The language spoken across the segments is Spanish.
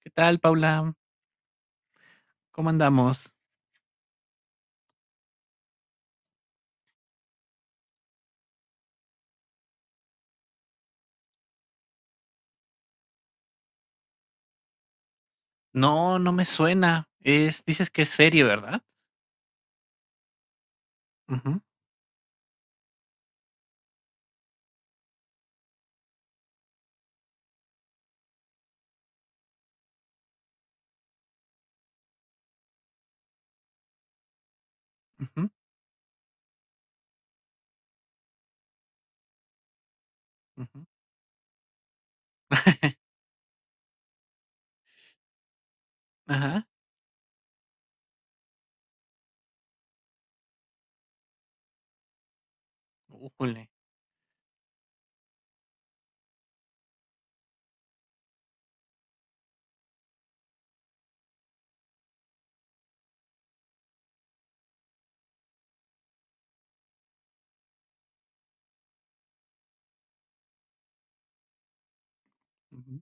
¿Qué tal, Paula? ¿Cómo andamos? No, no me suena. Es, dices que es serie, ¿verdad? Ujú, ujú, ujú. Ajá. Újule. Ujú.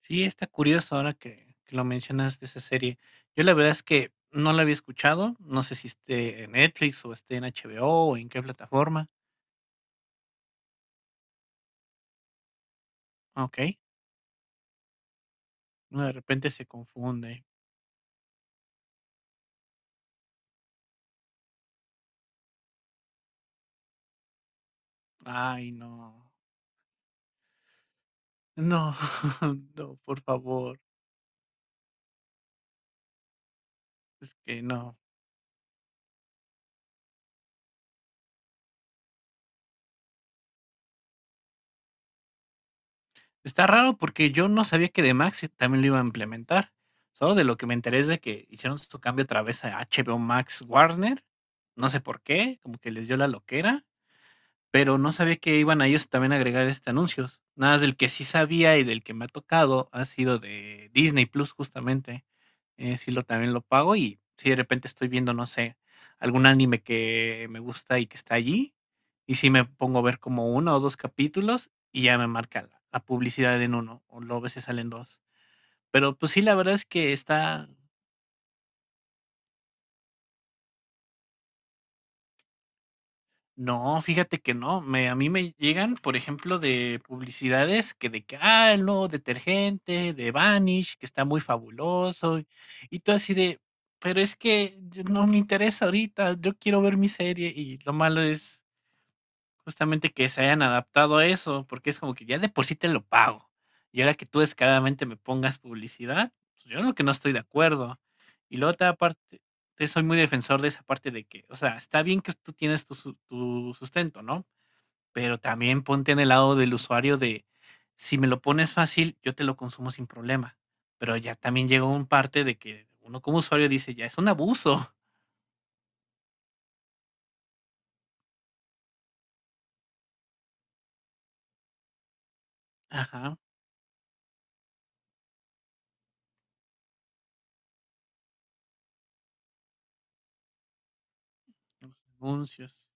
Sí, está curioso ahora que lo mencionas de esa serie. Yo la verdad es que no la había escuchado. No sé si esté en Netflix o esté en HBO o en qué plataforma. Ok. No, de repente se confunde. Ay, no. No, no, por favor. Es que no. Está raro porque yo no sabía que The Max también lo iba a implementar. Solo de lo que me enteré es de que hicieron su cambio otra vez a HBO Max Warner. No sé por qué, como que les dio la loquera. Pero no sabía que iban a ellos también a agregar, este, anuncios. Nada más del que sí sabía y del que me ha tocado ha sido de Disney Plus, justamente. Sí lo también lo pago y si de repente estoy viendo, no sé, algún anime que me gusta y que está allí, y si me pongo a ver como uno o 2 capítulos y ya me marca la publicidad en uno o luego a veces salen 2. Pero, pues sí, la verdad es que está. No, fíjate que no, me a mí me llegan, por ejemplo, de publicidades que de que, ah, el nuevo detergente de Vanish, que está muy fabuloso, y todo así de, pero es que yo no me interesa ahorita, yo quiero ver mi serie, y lo malo es justamente que se hayan adaptado a eso, porque es como que ya de por sí te lo pago. Y ahora que tú descaradamente me pongas publicidad, pues yo lo que no estoy de acuerdo. Y la otra parte, te soy muy defensor de esa parte de que, o sea, está bien que tú tienes tu, su- tu sustento, ¿no? Pero también ponte en el lado del usuario de, si me lo pones fácil, yo te lo consumo sin problema. Pero ya también llegó un parte de que uno como usuario dice, ya es un abuso. Ajá, los anuncios.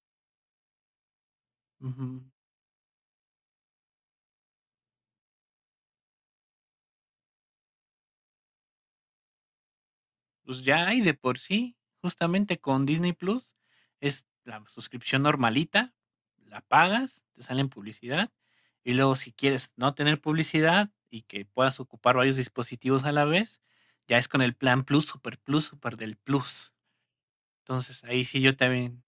Pues ya hay de por sí, justamente con Disney Plus, es la suscripción normalita, la pagas, te salen publicidad, y luego si quieres no tener publicidad y que puedas ocupar varios dispositivos a la vez, ya es con el plan Plus, Super Plus, Super del Plus. Entonces ahí sí yo también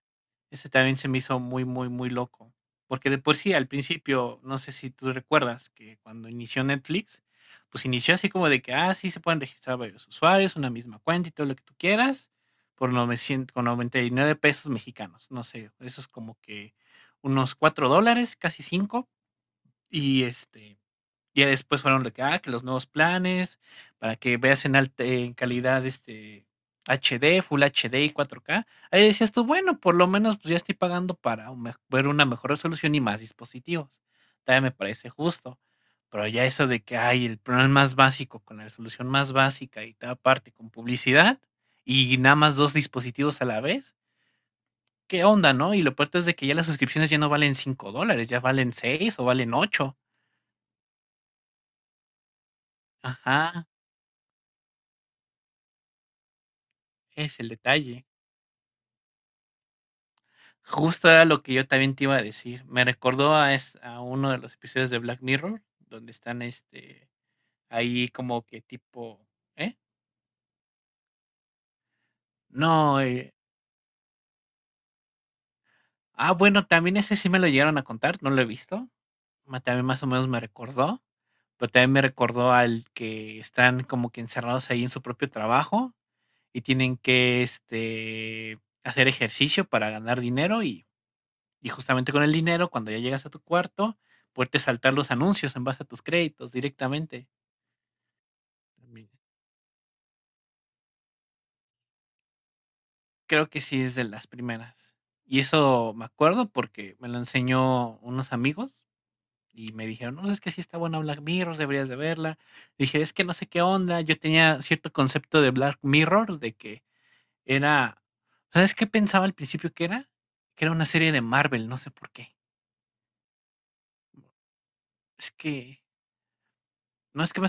ese también se me hizo muy, muy, muy loco, porque de por sí al principio, no sé si tú recuerdas que cuando inició Netflix, pues inició así como de que, ah, sí, se pueden registrar varios usuarios, una misma cuenta y todo lo que tú quieras, por 900, con 99 pesos mexicanos, no sé, eso es como que unos 4 dólares, casi cinco. Y este, ya después fueron de que, ah, que los nuevos planes, para que veas en alta en calidad, este, HD, Full HD y 4K. Ahí decías tú, bueno, por lo menos pues, ya estoy pagando para un me- ver una mejor resolución y más dispositivos. Todavía me parece justo. Pero ya eso de que hay el plan más básico con la resolución más básica y tal parte con publicidad y nada más dos dispositivos a la vez. ¿Qué onda, no? Y lo peor es de que ya las suscripciones ya no valen 5 dólares, ya valen 6 o valen ocho. Ajá, es el detalle. Justo era lo que yo también te iba a decir. Me recordó a, es, a uno de los episodios de Black Mirror, donde están este ahí como que tipo, ¿eh? No, ah, bueno, también ese sí me lo llegaron a contar, no lo he visto. Ma- También más o menos me recordó, pero también me recordó al que están como que encerrados ahí en su propio trabajo y tienen que este hacer ejercicio para ganar dinero. Y justamente con el dinero, cuando ya llegas a tu cuarto, puedes saltar los anuncios en base a tus créditos directamente. También. Creo que sí es de las primeras. Y eso me acuerdo porque me lo enseñó unos amigos y me dijeron, no, es que sí está buena Black Mirror, deberías de verla. Dije, es que no sé qué onda. Yo tenía cierto concepto de Black Mirror, de que era, ¿sabes qué pensaba al principio que era? Que era una serie de Marvel, no sé por qué. Es que, no es que me.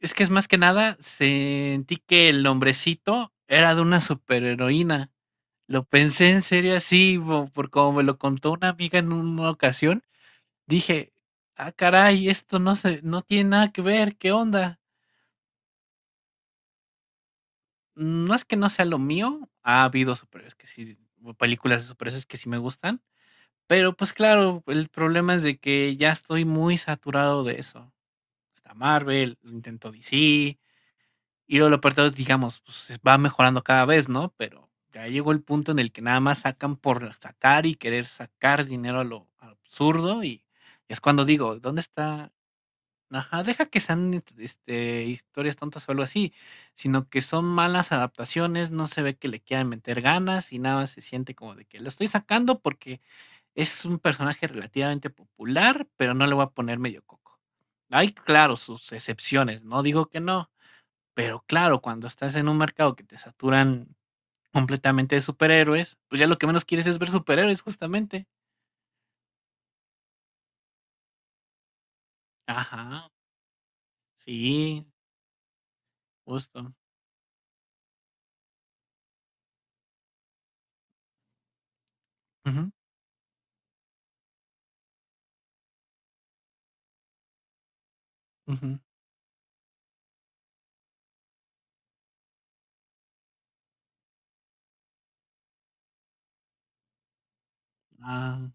Es que es más que nada, sentí que el nombrecito era de una superheroína. Lo pensé en serio así, bo- por como me lo contó una amiga en una ocasión. Dije, ah, caray, esto no se, no tiene nada que ver, ¿qué onda? No es que no sea lo mío, ha habido superhéroes que sí, o películas de superhéroes que sí me gustan, pero pues claro, el problema es de que ya estoy muy saturado de eso. Está Marvel, lo intento DC, y luego lo peor de todo es, digamos, pues va mejorando cada vez, ¿no? Pero ya llegó el punto en el que nada más sacan por sacar y querer sacar dinero a lo absurdo y es cuando digo, ¿dónde está? Ajá, deja que sean este, historias tontas o algo así, sino que son malas adaptaciones, no se ve que le quieran meter ganas y nada, más se siente como de que lo estoy sacando porque es un personaje relativamente popular, pero no le voy a poner medio coco. Hay, claro, sus excepciones, no digo que no, pero claro, cuando estás en un mercado que te saturan completamente de superhéroes, pues ya lo que menos quieres es ver superhéroes, justamente. Ajá, sí, justo. Ujú, ujú, ah,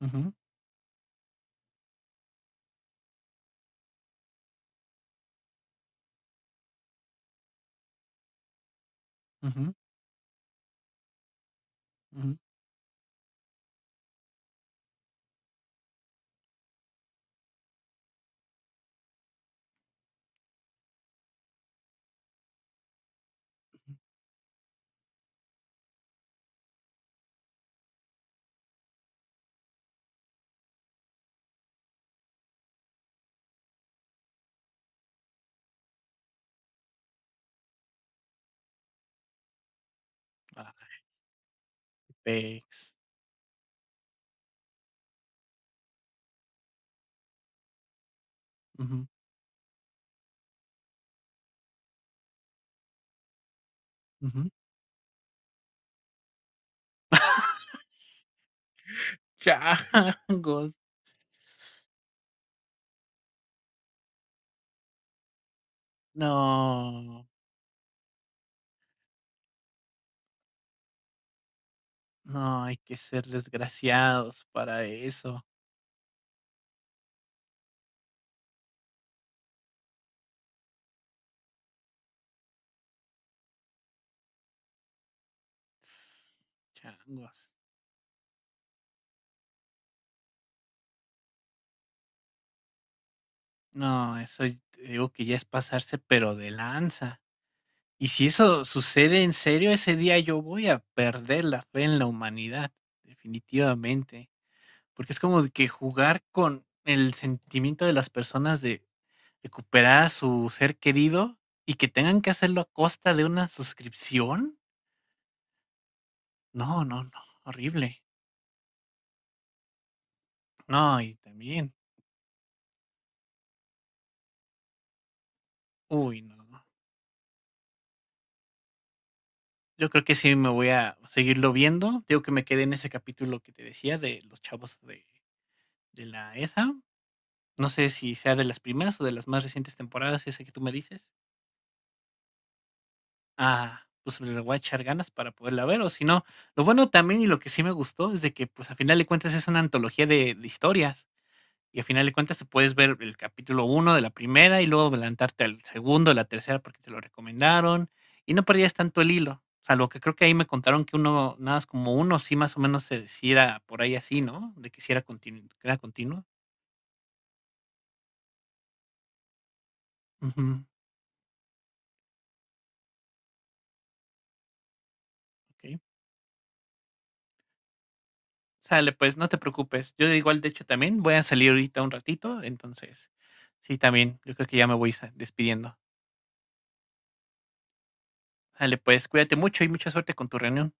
ujú, ujú, ujú, ah, Apex. Ujú, ujú. Changos. No, no hay que ser desgraciados para eso. Changos. No, eso y- te digo que ya es pasarse, pero de lanza. Y si eso sucede en serio, ese día yo voy a perder la fe en la humanidad, definitivamente, porque es como de que jugar con el sentimiento de las personas de recuperar a su ser querido y que tengan que hacerlo a costa de una suscripción. No, no, no, horrible. No, y también, uy, no, no. Yo creo que sí me voy a seguirlo viendo. Digo que me quedé en ese capítulo que te decía de los chavos de la ESA. No sé si sea de las primeras o de las más recientes temporadas, esa que tú me dices. Ah, pues le voy a echar ganas para poderla ver, o si no. Lo bueno también y lo que sí me gustó es de que, pues, a final de cuentas es una antología de historias. Y a final de cuentas te puedes ver el capítulo uno de la primera y luego adelantarte al segundo, la tercera, porque te lo recomendaron. Y no perdías tanto el hilo. Salvo que creo que ahí me contaron que uno, nada más como uno, sí más o menos se decía por ahí así, ¿no? De que si era, continu- que era continuo. Ujú, ok. Sale, pues no te preocupes. Yo igual, de hecho, también voy a salir ahorita un ratito, entonces, sí, también, yo creo que ya me voy sa- despidiendo. Sale, pues cuídate mucho y mucha suerte con tu reunión.